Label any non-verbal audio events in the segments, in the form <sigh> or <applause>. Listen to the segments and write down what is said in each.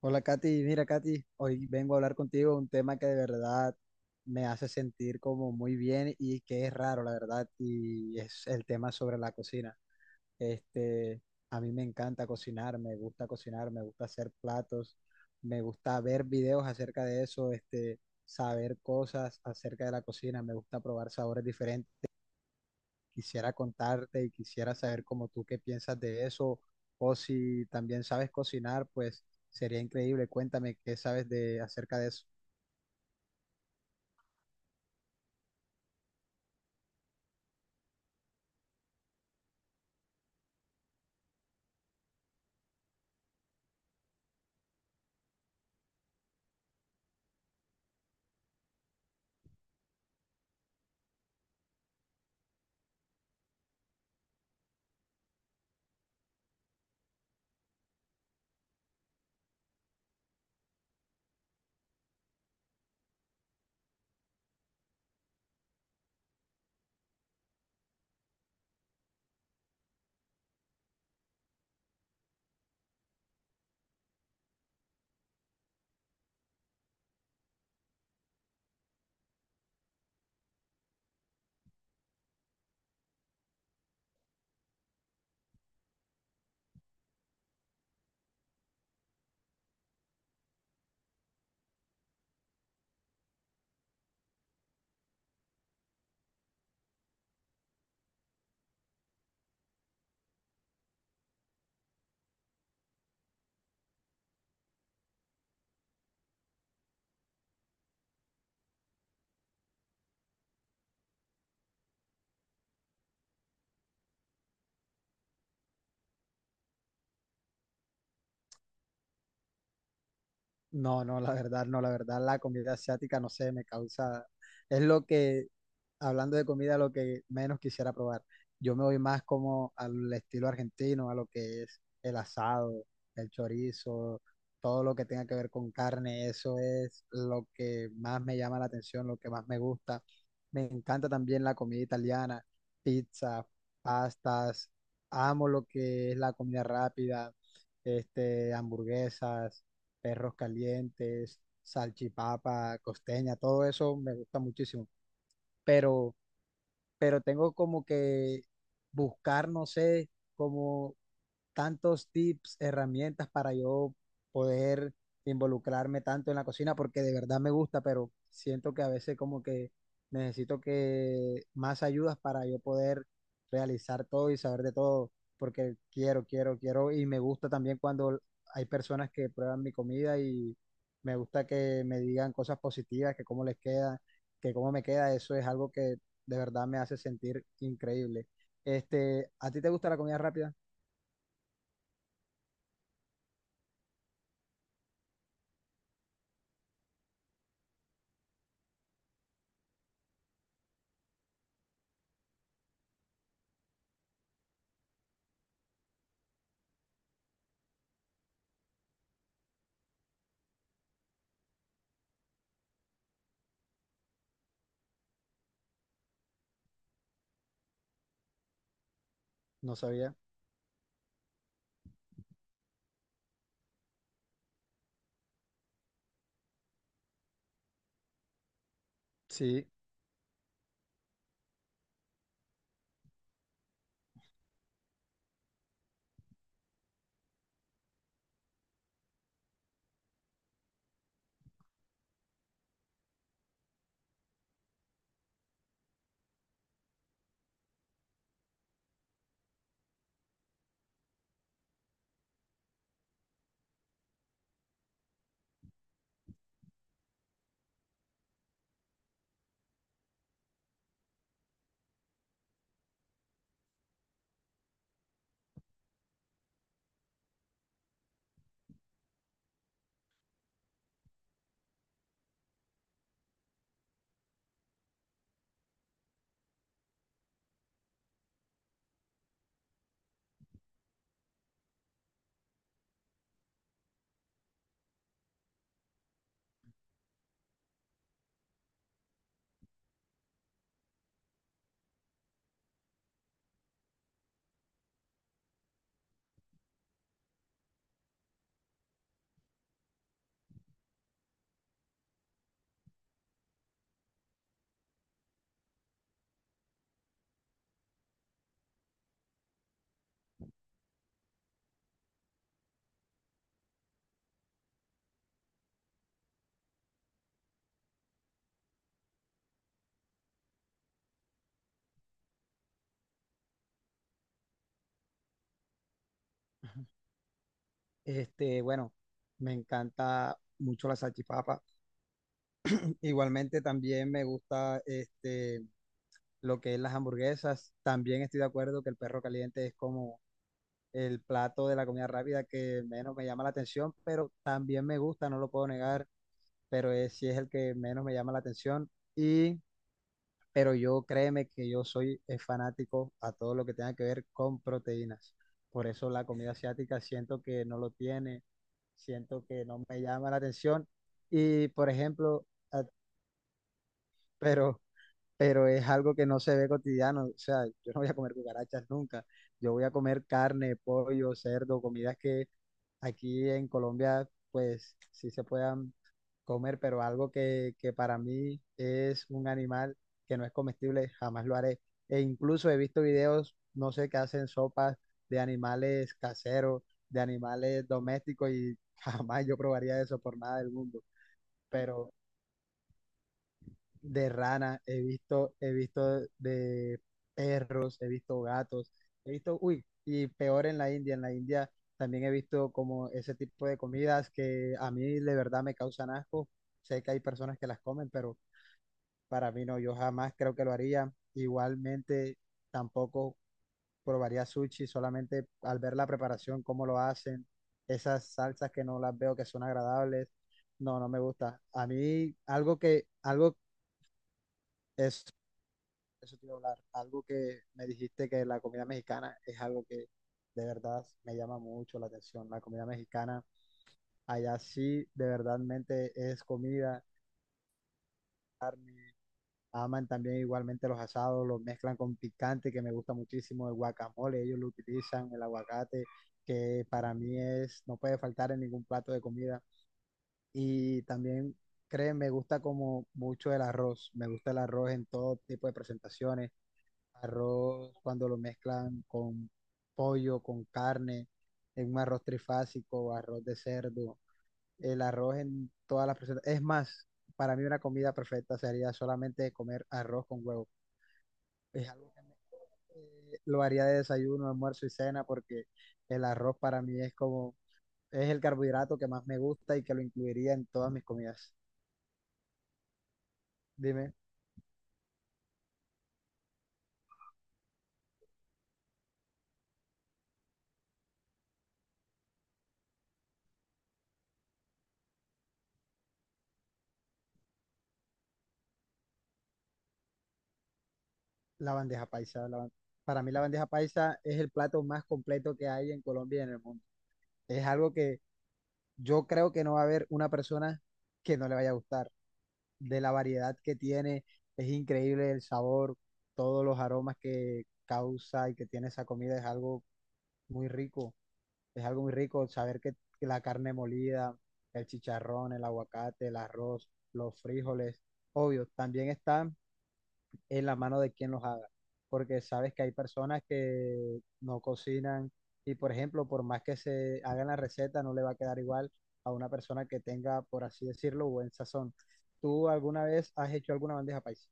Hola Katy, mira Katy, hoy vengo a hablar contigo de un tema que de verdad me hace sentir como muy bien y que es raro, la verdad, y es el tema sobre la cocina. Este, a mí me encanta cocinar, me gusta hacer platos, me gusta ver videos acerca de eso, saber cosas acerca de la cocina, me gusta probar sabores diferentes, quisiera contarte y quisiera saber como tú qué piensas de eso, o si también sabes cocinar, pues sería increíble. Cuéntame qué sabes de acerca de eso. No, no, la verdad, no, la verdad, la comida asiática, no sé, me causa, es lo que, hablando de comida, lo que menos quisiera probar. Yo me voy más como al estilo argentino, a lo que es el asado, el chorizo, todo lo que tenga que ver con carne. Eso es lo que más me llama la atención, lo que más me gusta. Me encanta también la comida italiana, pizza, pastas. Amo lo que es la comida rápida, hamburguesas, perros calientes, salchipapa, costeña, todo eso me gusta muchísimo. Pero pero tengo como que buscar, no sé, como tantos tips, herramientas para yo poder involucrarme tanto en la cocina, porque de verdad me gusta, pero siento que a veces como que necesito que más ayudas para yo poder realizar todo y saber de todo, porque quiero, quiero, quiero, y me gusta también cuando hay personas que prueban mi comida y me gusta que me digan cosas positivas, que cómo les queda, que cómo me queda, eso es algo que de verdad me hace sentir increíble. ¿A ti te gusta la comida rápida? No sabía. Sí. Bueno, me encanta mucho la salchipapa. Igualmente también me gusta lo que es las hamburguesas. También estoy de acuerdo que el perro caliente es como el plato de la comida rápida que menos me llama la atención, pero también me gusta, no lo puedo negar, pero es, sí es el que menos me llama la atención. Y pero yo créeme que yo soy fanático a todo lo que tenga que ver con proteínas. Por eso la comida asiática siento que no lo tiene, siento que no me llama la atención. Y por ejemplo, a- pero pero es algo que no se ve cotidiano. O sea, yo no voy a comer cucarachas nunca. Yo voy a comer carne, pollo, cerdo, comidas que aquí en Colombia, pues sí se puedan comer, pero algo que para mí es un animal que no es comestible, jamás lo haré. E incluso he visto videos, no sé, que hacen sopas de animales caseros, de animales domésticos y <laughs> jamás yo probaría eso por nada del mundo. Pero de ranas, he visto de perros, he visto gatos, he visto, uy, y peor en la India también he visto como ese tipo de comidas que a mí de verdad me causan asco. Sé que hay personas que las comen, pero para mí no, yo jamás creo que lo haría. Igualmente tampoco probaría sushi, solamente al ver la preparación, cómo lo hacen, esas salsas que no las veo que son agradables. No, no me gusta. A mí algo que, algo, eso eso te iba a hablar. Algo que me dijiste que la comida mexicana es algo que de verdad me llama mucho la atención. La comida mexicana, allá sí, de verdadmente es comida. Aman también igualmente los asados, los mezclan con picante, que me gusta muchísimo, el guacamole, ellos lo utilizan, el aguacate, que para mí es, no puede faltar en ningún plato de comida. Y también, creen, me gusta como mucho el arroz, me gusta el arroz en todo tipo de presentaciones, arroz cuando lo mezclan con pollo, con carne, en un arroz trifásico, arroz de cerdo, el arroz en todas las presentaciones. Es más, para mí una comida perfecta sería solamente comer arroz con huevo. Es algo que lo haría de desayuno, almuerzo y cena porque el arroz para mí es como, es el carbohidrato que más me gusta y que lo incluiría en todas mis comidas. Dime, la bandeja paisa. Para mí la bandeja paisa es el plato más completo que hay en Colombia y en el mundo. Es algo que yo creo que no va a haber una persona que no le vaya a gustar. De la variedad que tiene, es increíble el sabor, todos los aromas que causa y que tiene esa comida es algo muy rico. Es algo muy rico saber que la carne molida, el chicharrón, el aguacate, el arroz, los frijoles. Obvio, también está en la mano de quien los haga, porque sabes que hay personas que no cocinan y, por ejemplo, por más que se hagan la receta, no le va a quedar igual a una persona que tenga, por así decirlo, buen sazón. ¿Tú alguna vez has hecho alguna bandeja paisa?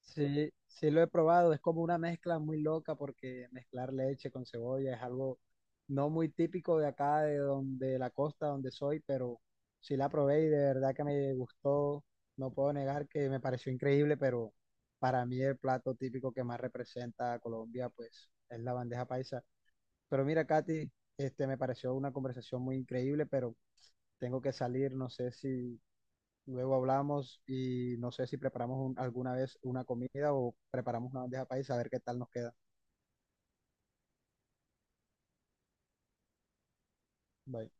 Sí, sí lo he probado, es como una mezcla muy loca porque mezclar leche con cebolla es algo no muy típico de acá, de donde de la costa donde soy, pero sí la probé y de verdad que me gustó, no puedo negar que me pareció increíble, pero para mí el plato típico que más representa a Colombia pues es la bandeja paisa. Pero mira, Katy, este me pareció una conversación muy increíble, pero tengo que salir, no sé si, luego hablamos y no sé si preparamos alguna vez una comida o preparamos una bandeja paisa a ver qué tal nos queda. Bye.